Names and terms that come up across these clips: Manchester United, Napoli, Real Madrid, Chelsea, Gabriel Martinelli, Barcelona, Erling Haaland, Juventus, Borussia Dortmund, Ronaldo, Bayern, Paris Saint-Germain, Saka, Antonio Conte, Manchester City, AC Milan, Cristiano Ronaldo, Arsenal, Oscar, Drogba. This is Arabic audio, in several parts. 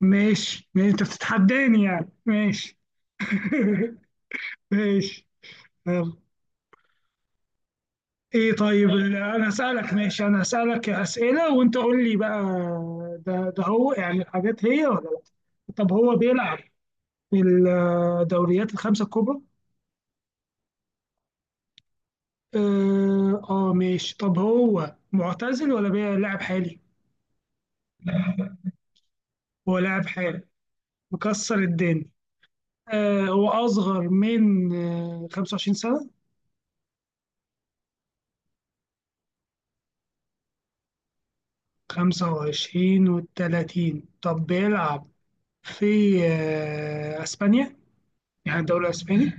ماشي انت بتتحداني يعني ماشي. ماشي. يلا. ايه طيب انا هسألك، ماشي، انا هسألك أسئلة وانت قول لي بقى. ده هو يعني الحاجات هي ولا لا؟ طب هو بيلعب في الدوريات الخمسة الكبرى. ماشي، طب هو معتزل ولا بيلعب حالي؟ هو لاعب حالي، مكسر الدنيا. هو اصغر من 25 سنة؟ 25 و30. طب بيلعب في اسبانيا، يعني الدوري الاسباني.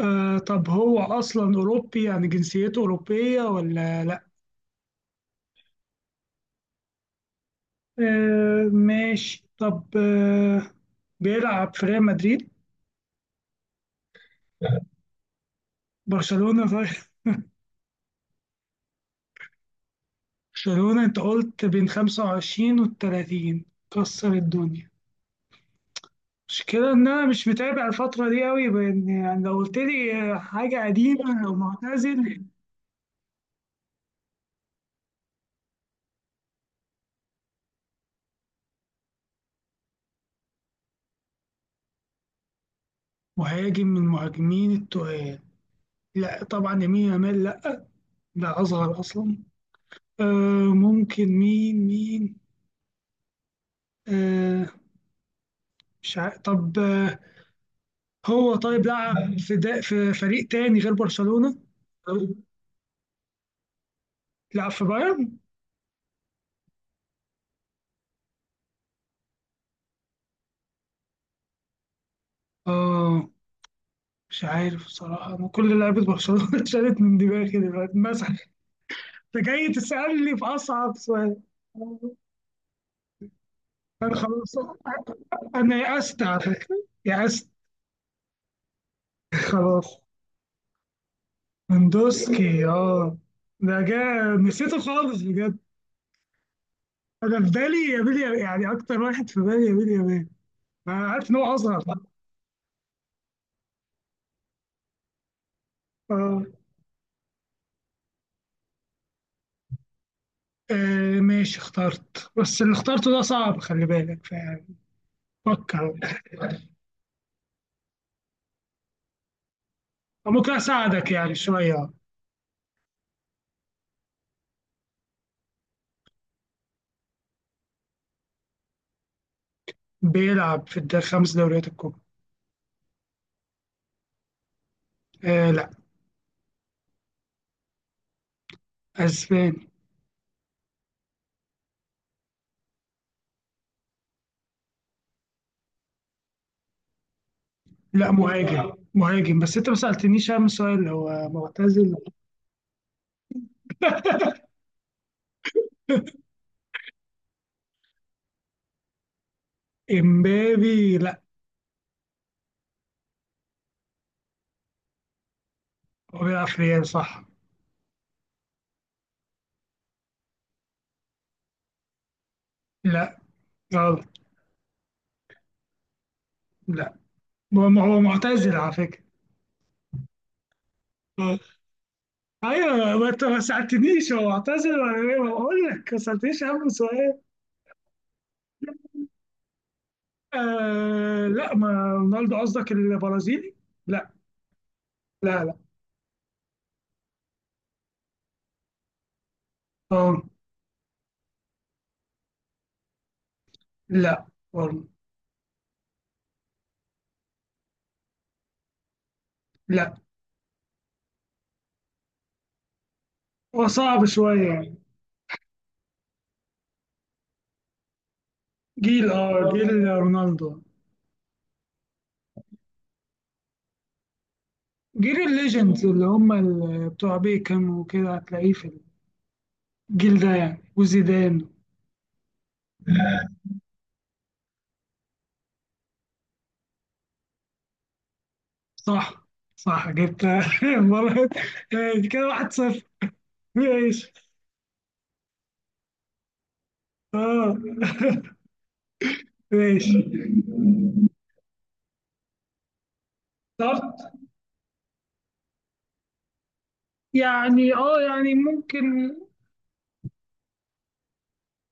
طب هو اصلا اوروبي، يعني جنسيته اوروبيه ولا لا؟ ماشي، طب بيلعب في ريال مدريد؟ برشلونه طيب. برشلونه. انت قلت بين 25 و 30، كسر الدنيا. المشكلة إن أنا مش متابع الفترة دي أوي، بإن يعني لو قلت لي حاجة قديمة أو معتزل. مهاجم من المهاجمين التقال؟ لا طبعا، يمين يامال لا، ده اصغر اصلا. آه. ممكن مين؟ آه، مش عارف. طب آه، هو طيب لعب في دا في فريق تاني غير برشلونة؟ لعب في بايرن. اه، مش عارف بصراحة، أنا كل لعيبة برشلونة اتشالت من دماغي دلوقتي مثلا. أنت جاي تسألني في أصعب سؤال. أنا خلاص، أنا يأست على فكرة، يأست. خلاص. مندوسكي، اه، ده جا. نسيته خالص بجد. انا في بالي يا بيلي، يعني اكتر واحد في بالي يا بيلي يا بيلي. انا عارف ان هو اصغر. اه. آه، ماشي، اخترت بس اللي اخترته ده صعب، خلي بالك فيعني. فكر. ممكن اساعدك يعني شويه. بيلعب في خمس دوريات الكبرى. آه لا. اسباني. لا، مهاجم مهاجم، بس انت ما سالتنيش اهم سؤال، هو معتزل. امبابي لا. هو بيلعب في ريال، صح. لا، غلط. لا، ما هو معتزل على فكرة. آه. ايوه، ما انت ما سألتنيش هو معتزل ولا ايه، ما بقول لك ما سألتنيش اهم سؤال. آه لا، ما رونالدو قصدك البرازيلي، لا. لا لا. اه. لا برضه. لا. هو صعب شوية يعني. جيل، اه، جيل رونالدو. جيل الليجندز اللي هم بتوع بيكم وكده، هتلاقيه في الجيل ده يعني، وزيدان. صح. صح، جبت. مرة. آه، كده واحد صفر. ماشي. اه. ماشي. طب. يعني اه، يعني ممكن.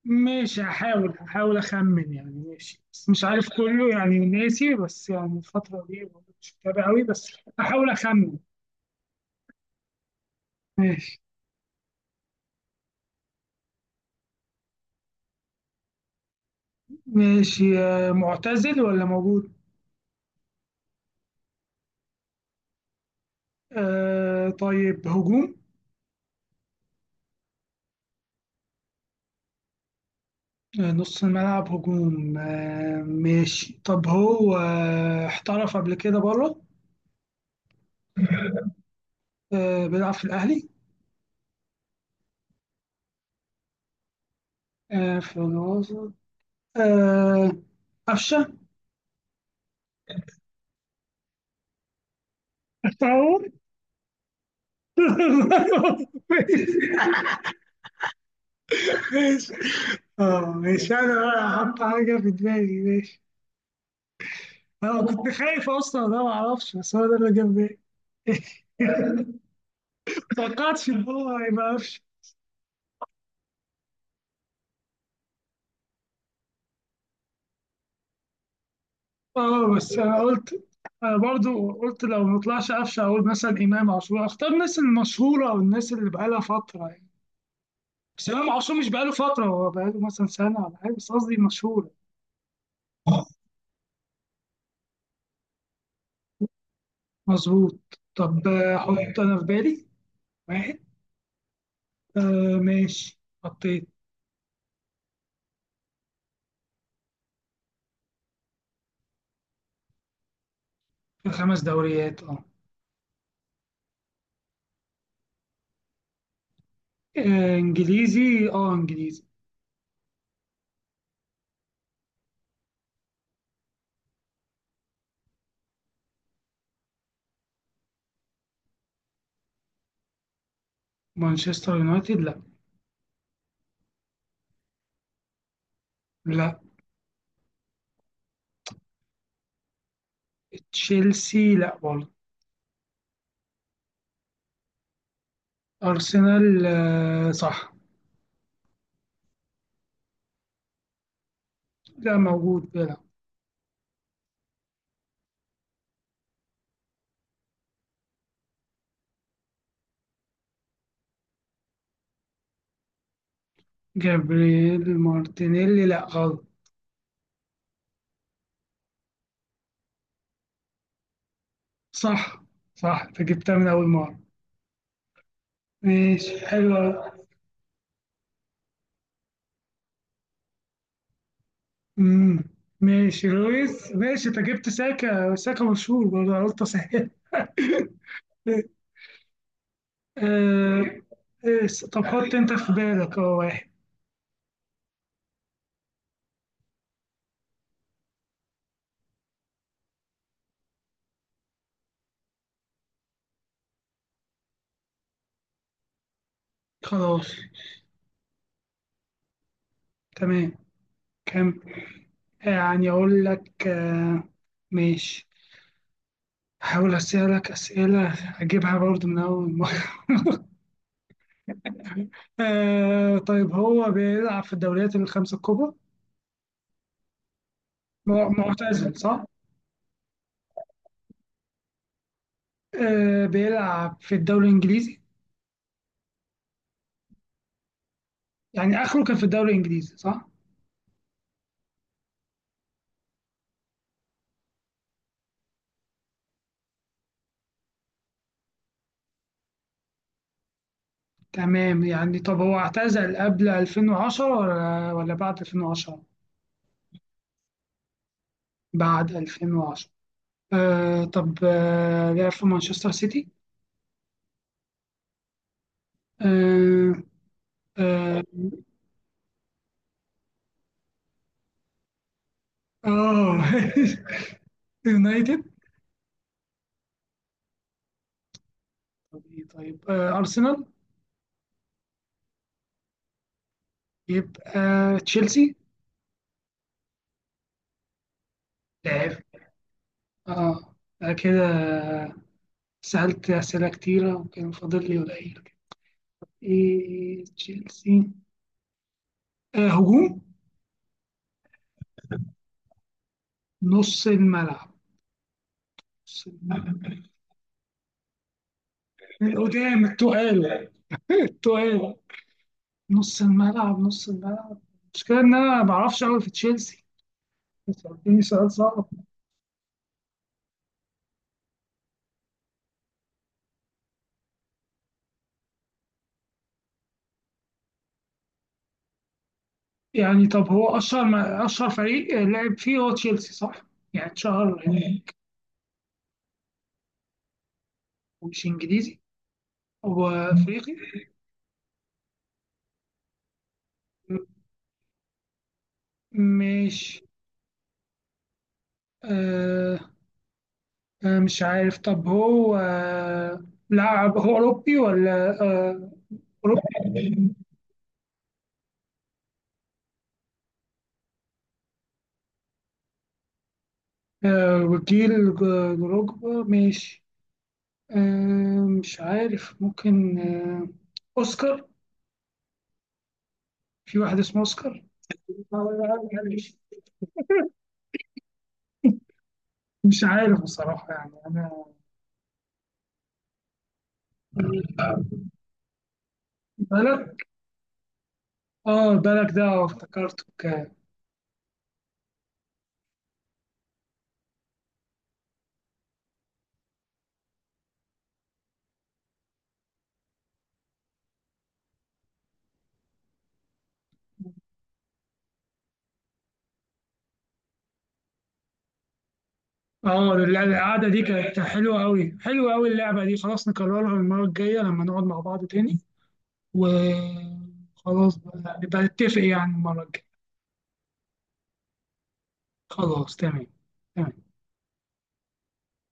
ماشي، هحاول هحاول اخمن يعني، ماشي بس مش عارف كله يعني، ناسي، بس يعني الفترة دي برضه مش متابع قوي، بس هحاول اخمن. ماشي. ماشي. آه، معتزل ولا موجود؟ آه طيب، هجوم. آه، نص الملعب هجوم. آه ماشي، طب هو آه احترف قبل كده بره؟ آه، بيلعب في الأهلي. آه، في الوسط. آه، قفشه. تعور. ماشي. ماشي. اه ماشي، انا بقى هحط حاجه في دماغي، ماشي. انا كنت خايف اصلا انا ما اعرفش، بس هو ده اللي جاب بالي. توقعتش ان هو هيبقى قفشه. اه بس انا قلت، انا برضو قلت لو ما طلعش قفشه اقول مثلا امام عاشور، اختار الناس المشهوره او الناس اللي بقالها فتره يعني. بس امام عاشور مش بقاله فتره، هو بقاله مثلا سنه ولا حاجه، بس قصدي مشهور. مظبوط. طب آه، احط انا في بالي واحد. آه ماشي، حطيت. في خمس دوريات، اه. آه، انجليزي، اه انجليزي. مانشستر يونايتد لا. لا. تشيلسي لا برضه. ارسنال آه، صح. لا، موجود بيلعب. جابرييل مارتينيلي لا، غلط. صح، صح، انت جبتها من اول مره. ماشي، حلوه. امم. ماشي لويس، ماشي، انت جبت ساكا، ساكا مشهور برضه، أنا قلت اسهل. آه. آه، طب حط انت في بالك اه واحد. خلاص. تمام. كم؟ آه، يعني اقول لك، آه، ماشي، هحاول اسألك اسئلة اجيبها برضو من اول مرة. آه، طيب هو بيلعب في الدوريات الخمسة الكبرى. معتزل، صح؟ آه، بيلعب في الدوري الانجليزي. يعني اخره كان في الدوري الانجليزي، صح؟ تمام، يعني طب هو اعتزل قبل 2010 ولا بعد 2010؟ بعد 2010. آه، طب آه لعب في مانشستر سيتي؟ آه آه, آه يونايتد؟ طب إيه، طيب آه أرسنال؟ يبقى تشيلسي. لعب، اه. آه، كده سألت أسئلة كتيرة وكان فاضل لي قليل كده. إيه تشيلسي. آه، هجوم. نص الملعب. نص الملعب. من قدام التقال؟ التقال. نص الملعب نص الملعب. المشكلة إن أنا ما بعرفش أوي في تشيلسي. سألتني سؤال صعب. يعني طب هو أشهر، ما أشهر فريق لعب فيه هو تشيلسي صح؟ يعني اتشهر هناك. مش إنجليزي. هو أفريقي؟ مش. آه. آه، مش عارف. طب هو آه لاعب، هو أوروبي ولا آه؟ أوروبي. آه وجيل دروجبا، مش. آه مش عارف، ممكن آه أوسكار؟ في واحد اسمه أوسكار. مش عارف بصراحة يعني أنا. بالك. اه، بالك ده، آه، افتكرته كان. اه، القعدة دي كانت حلوة أوي، حلوة أوي، اللعبة دي. خلاص نكررها المرة الجاية لما نقعد مع بعض تاني. وخلاص بقى نبقى نتفق يعني المرة الجاية. خلاص تمام. تمام.